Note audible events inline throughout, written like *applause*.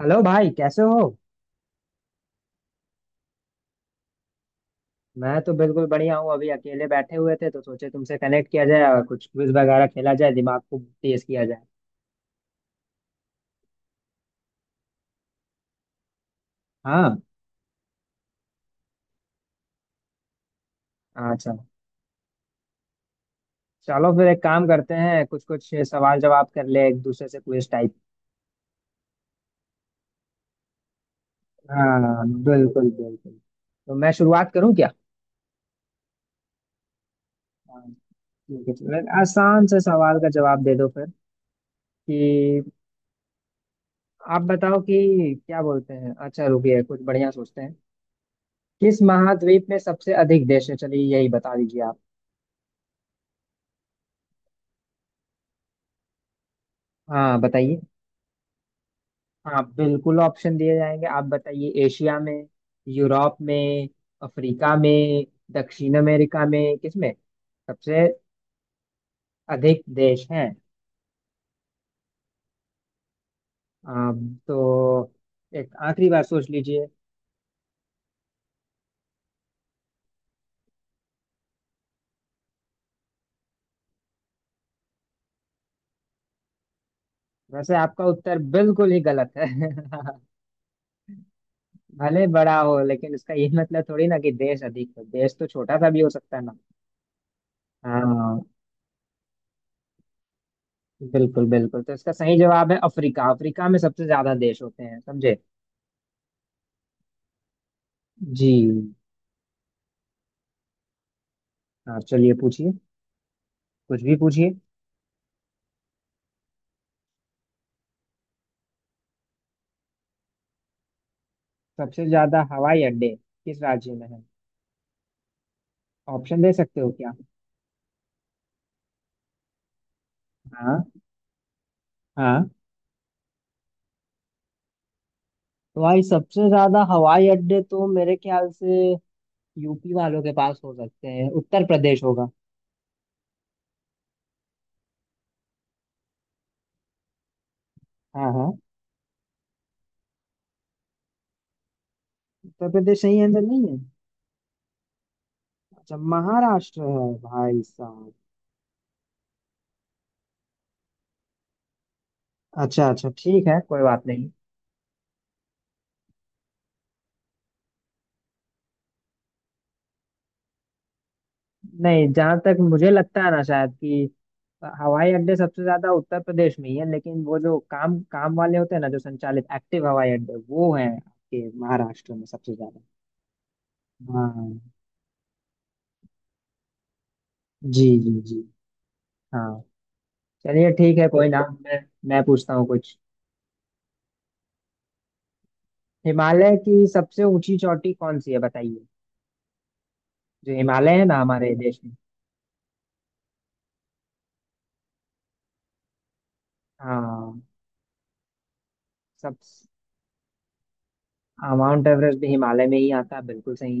Hello भाई, कैसे हो। मैं तो बिल्कुल बढ़िया हूँ। अभी अकेले बैठे हुए थे तो सोचे तुमसे कनेक्ट किया जाए और कुछ क्विज वगैरह खेला जाए, दिमाग को तेज किया जाए। हाँ। अच्छा। चलो फिर एक काम करते हैं, कुछ कुछ सवाल जवाब कर ले एक दूसरे से, क्विज टाइप। हाँ बिल्कुल बिल्कुल। तो मैं शुरुआत करूँ क्या। हाँ, ठीक है। चलो एक आसान से सवाल का जवाब दे दो फिर, कि आप बताओ कि क्या बोलते हैं। अच्छा रुकिए कुछ बढ़िया सोचते हैं। किस महाद्वीप में सबसे अधिक देश है, चलिए यही बता दीजिए आप। हाँ बताइए। हाँ बिल्कुल ऑप्शन दिए जाएंगे। आप बताइए, एशिया में, यूरोप में, अफ्रीका में, दक्षिण अमेरिका में, किसमें सबसे अधिक देश हैं। आप तो एक आखिरी बार सोच लीजिए। वैसे आपका उत्तर बिल्कुल ही गलत है। *laughs* भले बड़ा हो, लेकिन इसका ये मतलब थोड़ी ना कि देश अधिक है। देश तो छोटा सा भी हो सकता है ना। हाँ बिल्कुल बिल्कुल, तो इसका सही जवाब है अफ्रीका। अफ्रीका में सबसे ज्यादा देश होते हैं, समझे। जी। हाँ चलिए पूछिए, कुछ भी पूछिए। सबसे ज्यादा हवाई अड्डे किस राज्य में है। ऑप्शन दे सकते हो क्या। हाँ। हाँ भाई सबसे ज्यादा हवाई अड्डे तो मेरे ख्याल से यूपी वालों के पास हो सकते हैं, उत्तर प्रदेश होगा। हाँ हाँ। उत्तर प्रदेश सही आंसर नहीं है। अच्छा महाराष्ट्र है भाई साहब। अच्छा अच्छा ठीक है, कोई बात नहीं। नहीं, जहां तक मुझे लगता है ना, शायद कि हवाई अड्डे सबसे ज्यादा उत्तर प्रदेश में ही है, लेकिन वो जो काम काम वाले होते हैं ना, जो संचालित एक्टिव हवाई अड्डे, वो है आपके महाराष्ट्र में सबसे ज्यादा। हाँ। जी जी जी। हाँ चलिए ठीक है, कोई ना। मैं पूछता हूँ कुछ। हिमालय की सबसे ऊंची चोटी कौन सी है बताइए, जो हिमालय है ना हमारे देश में। हाँ। सब। हाँ, माउंट एवरेस्ट भी हिमालय में ही आता है, बिल्कुल सही।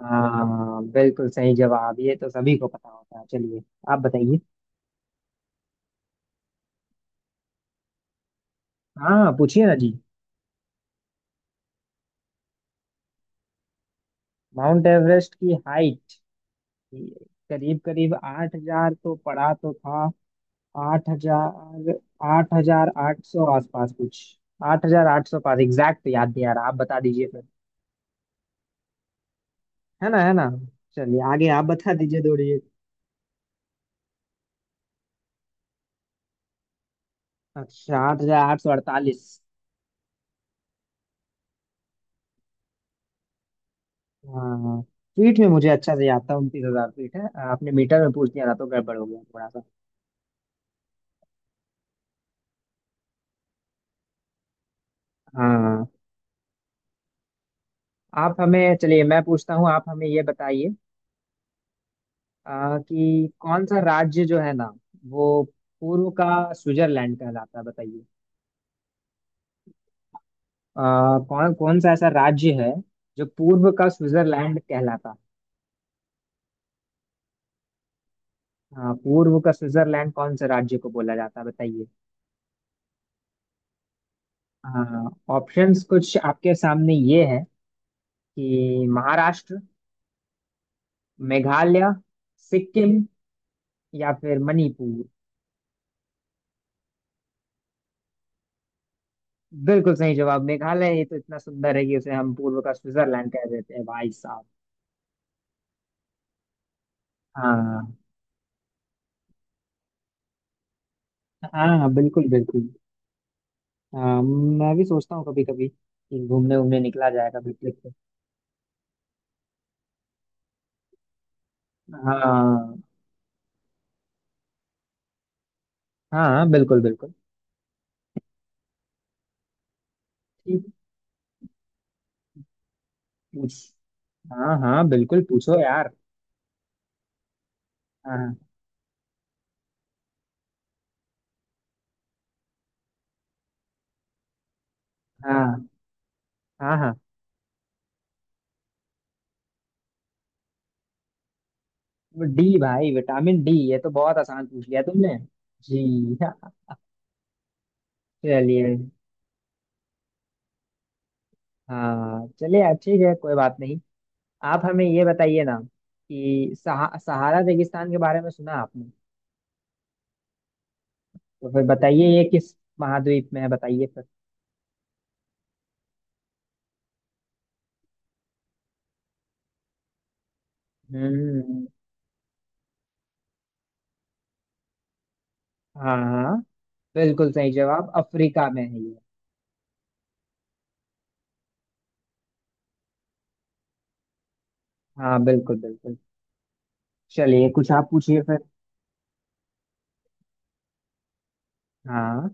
हाँ बिल्कुल सही जवाब, ये तो सभी को पता होता है। चलिए आप बताइए। हाँ पूछिए ना जी। माउंट एवरेस्ट की हाइट करीब करीब 8,000 तो पड़ा तो था। आठ हजार। 8,000 आठ सौ आसपास कुछ। 8,800 पास एग्जैक्ट याद नहीं आ रहा, आप बता दीजिए फिर। है ना, है ना। चलिए आगे आप बता दीजिए, दौड़िए। अच्छा, 8,848। हाँ। फीट में मुझे अच्छा से याद था, 29,000 फीट है। आपने मीटर में पूछ दिया था तो गड़बड़ हो गया थोड़ा सा। हाँ। आप हमें चलिए मैं पूछता हूँ, आप हमें ये बताइए। कि कौन सा राज्य जो है ना, वो पूर्व का स्विट्जरलैंड कहलाता है, बताइए। कौन कौन सा ऐसा राज्य है जो पूर्व का स्विट्जरलैंड कहलाता। हाँ पूर्व का स्विट्जरलैंड कौन से राज्य को बोला जाता है बताइए। हाँ ऑप्शंस कुछ आपके सामने ये है, कि महाराष्ट्र, मेघालय, सिक्किम, या फिर मणिपुर। बिल्कुल सही जवाब, मेघालय। ये तो इतना सुंदर है कि उसे हम पूर्व का स्विट्जरलैंड कह देते हैं भाई साहब। हाँ हाँ। हाँ, बिल्कुल बिल्कुल। हाँ मैं भी सोचता हूँ कभी कभी कि घूमने घूमने निकला जाए कभी ट्रिप पे। हाँ हाँ। हाँ बिल्कुल बिल्कुल। ठीक है। पूछ। हाँ हाँ बिल्कुल पूछो यार। हाँ। हाँ। हाँ हाँ वो डी भाई, विटामिन डी। ये तो बहुत आसान पूछ लिया तुमने। जी हाँ। चलिए। हाँ चलिए अच्छी है, कोई बात नहीं। आप हमें ये बताइए ना कि सहारा रेगिस्तान के बारे में सुना आपने। तो फिर बताइए ये किस महाद्वीप में है, बताइए फिर। हम्म। हाँ हाँ बिल्कुल सही जवाब, अफ्रीका में है ये। हाँ बिल्कुल बिल्कुल। चलिए कुछ आप पूछिए फिर। हाँ।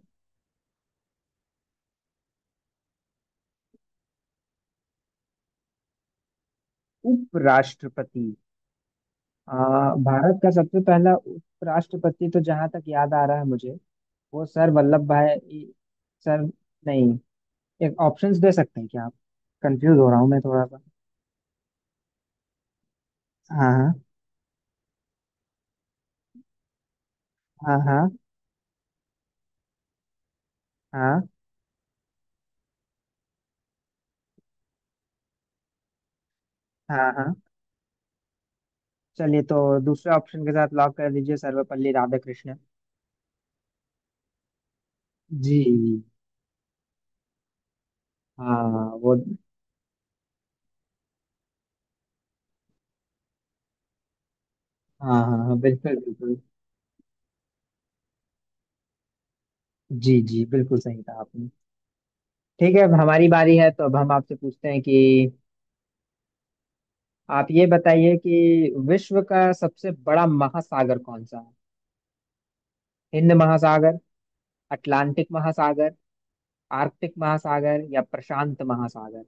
उपराष्ट्रपति। आ, भारत का सबसे पहला उपराष्ट्रपति, तो जहां तक याद आ रहा है मुझे, वो सर वल्लभ भाई, सर, नहीं। एक ऑप्शंस दे सकते हैं क्या आप, कंफ्यूज हो रहा हूँ मैं थोड़ा सा। हाँ हाँ। हाँ हाँ। हाँ हाँ हाँ। चलिए तो दूसरे ऑप्शन के साथ लॉक कर दीजिए, सर्वपल्ली राधाकृष्णन। जी। हाँ। वो हाँ हाँ हाँ, बिल्कुल बिल्कुल। जी जी, बिल्कुल सही कहा आपने। ठीक है अब हमारी बारी है, तो अब हम आपसे पूछते हैं कि आप ये बताइए कि विश्व का सबसे बड़ा महासागर कौन सा है। हिंद महासागर, अटलांटिक महासागर, आर्कटिक महासागर, या प्रशांत महासागर।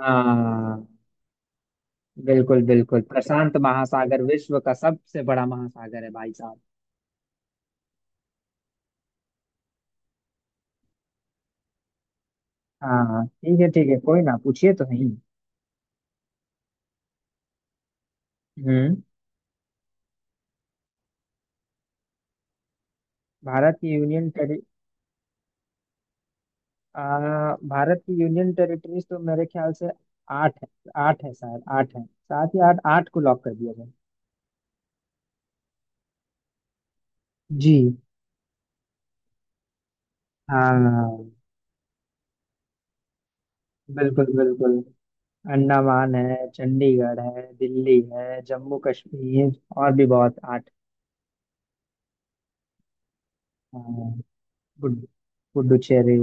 हाँ बिल्कुल बिल्कुल, प्रशांत महासागर विश्व का सबसे बड़ा महासागर है भाई साहब। हाँ हाँ, ठीक है कोई ना, पूछिए तो नहीं। हम्म। भारत की यूनियन टेरि। आ, भारत की यूनियन टेरिटरीज तो मेरे ख्याल से आठ है। आठ है शायद, आठ है, साथ ही आठ, आठ को लॉक कर दिया जाए। जी। हाँ बिल्कुल बिल्कुल। अंडमान है, चंडीगढ़ है, दिल्ली है, जम्मू कश्मीर, और भी बहुत आठ। हाँ, पुड- पुडुचेरी।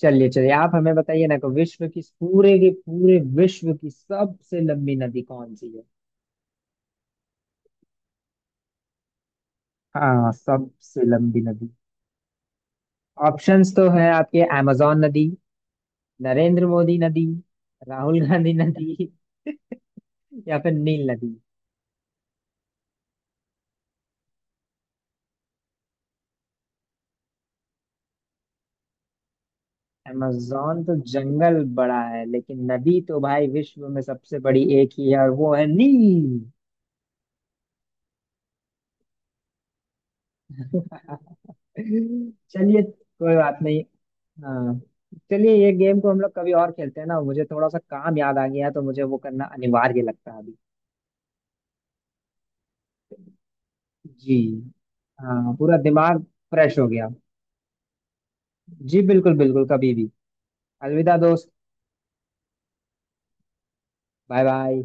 चलिए चलिए आप हमें बताइए ना, कि विश्व की, पूरे के पूरे विश्व की सबसे लंबी नदी कौन सी है। हाँ सबसे लंबी नदी। ऑप्शंस तो है आपके, amazon नदी, नरेंद्र मोदी नदी, राहुल गांधी नदी, *laughs* या फिर नील नदी। अमेजोन तो जंगल बड़ा है, लेकिन नदी तो भाई विश्व में सबसे बड़ी एक ही है, और वो है नील। *laughs* चलिए कोई बात नहीं। हाँ। चलिए ये गेम को हम लोग कभी और खेलते हैं ना, मुझे थोड़ा सा काम याद आ गया है, तो मुझे वो करना अनिवार्य लगता है अभी। जी। हाँ पूरा दिमाग फ्रेश हो गया। जी बिल्कुल बिल्कुल, कभी भी। अलविदा दोस्त। Bye bye.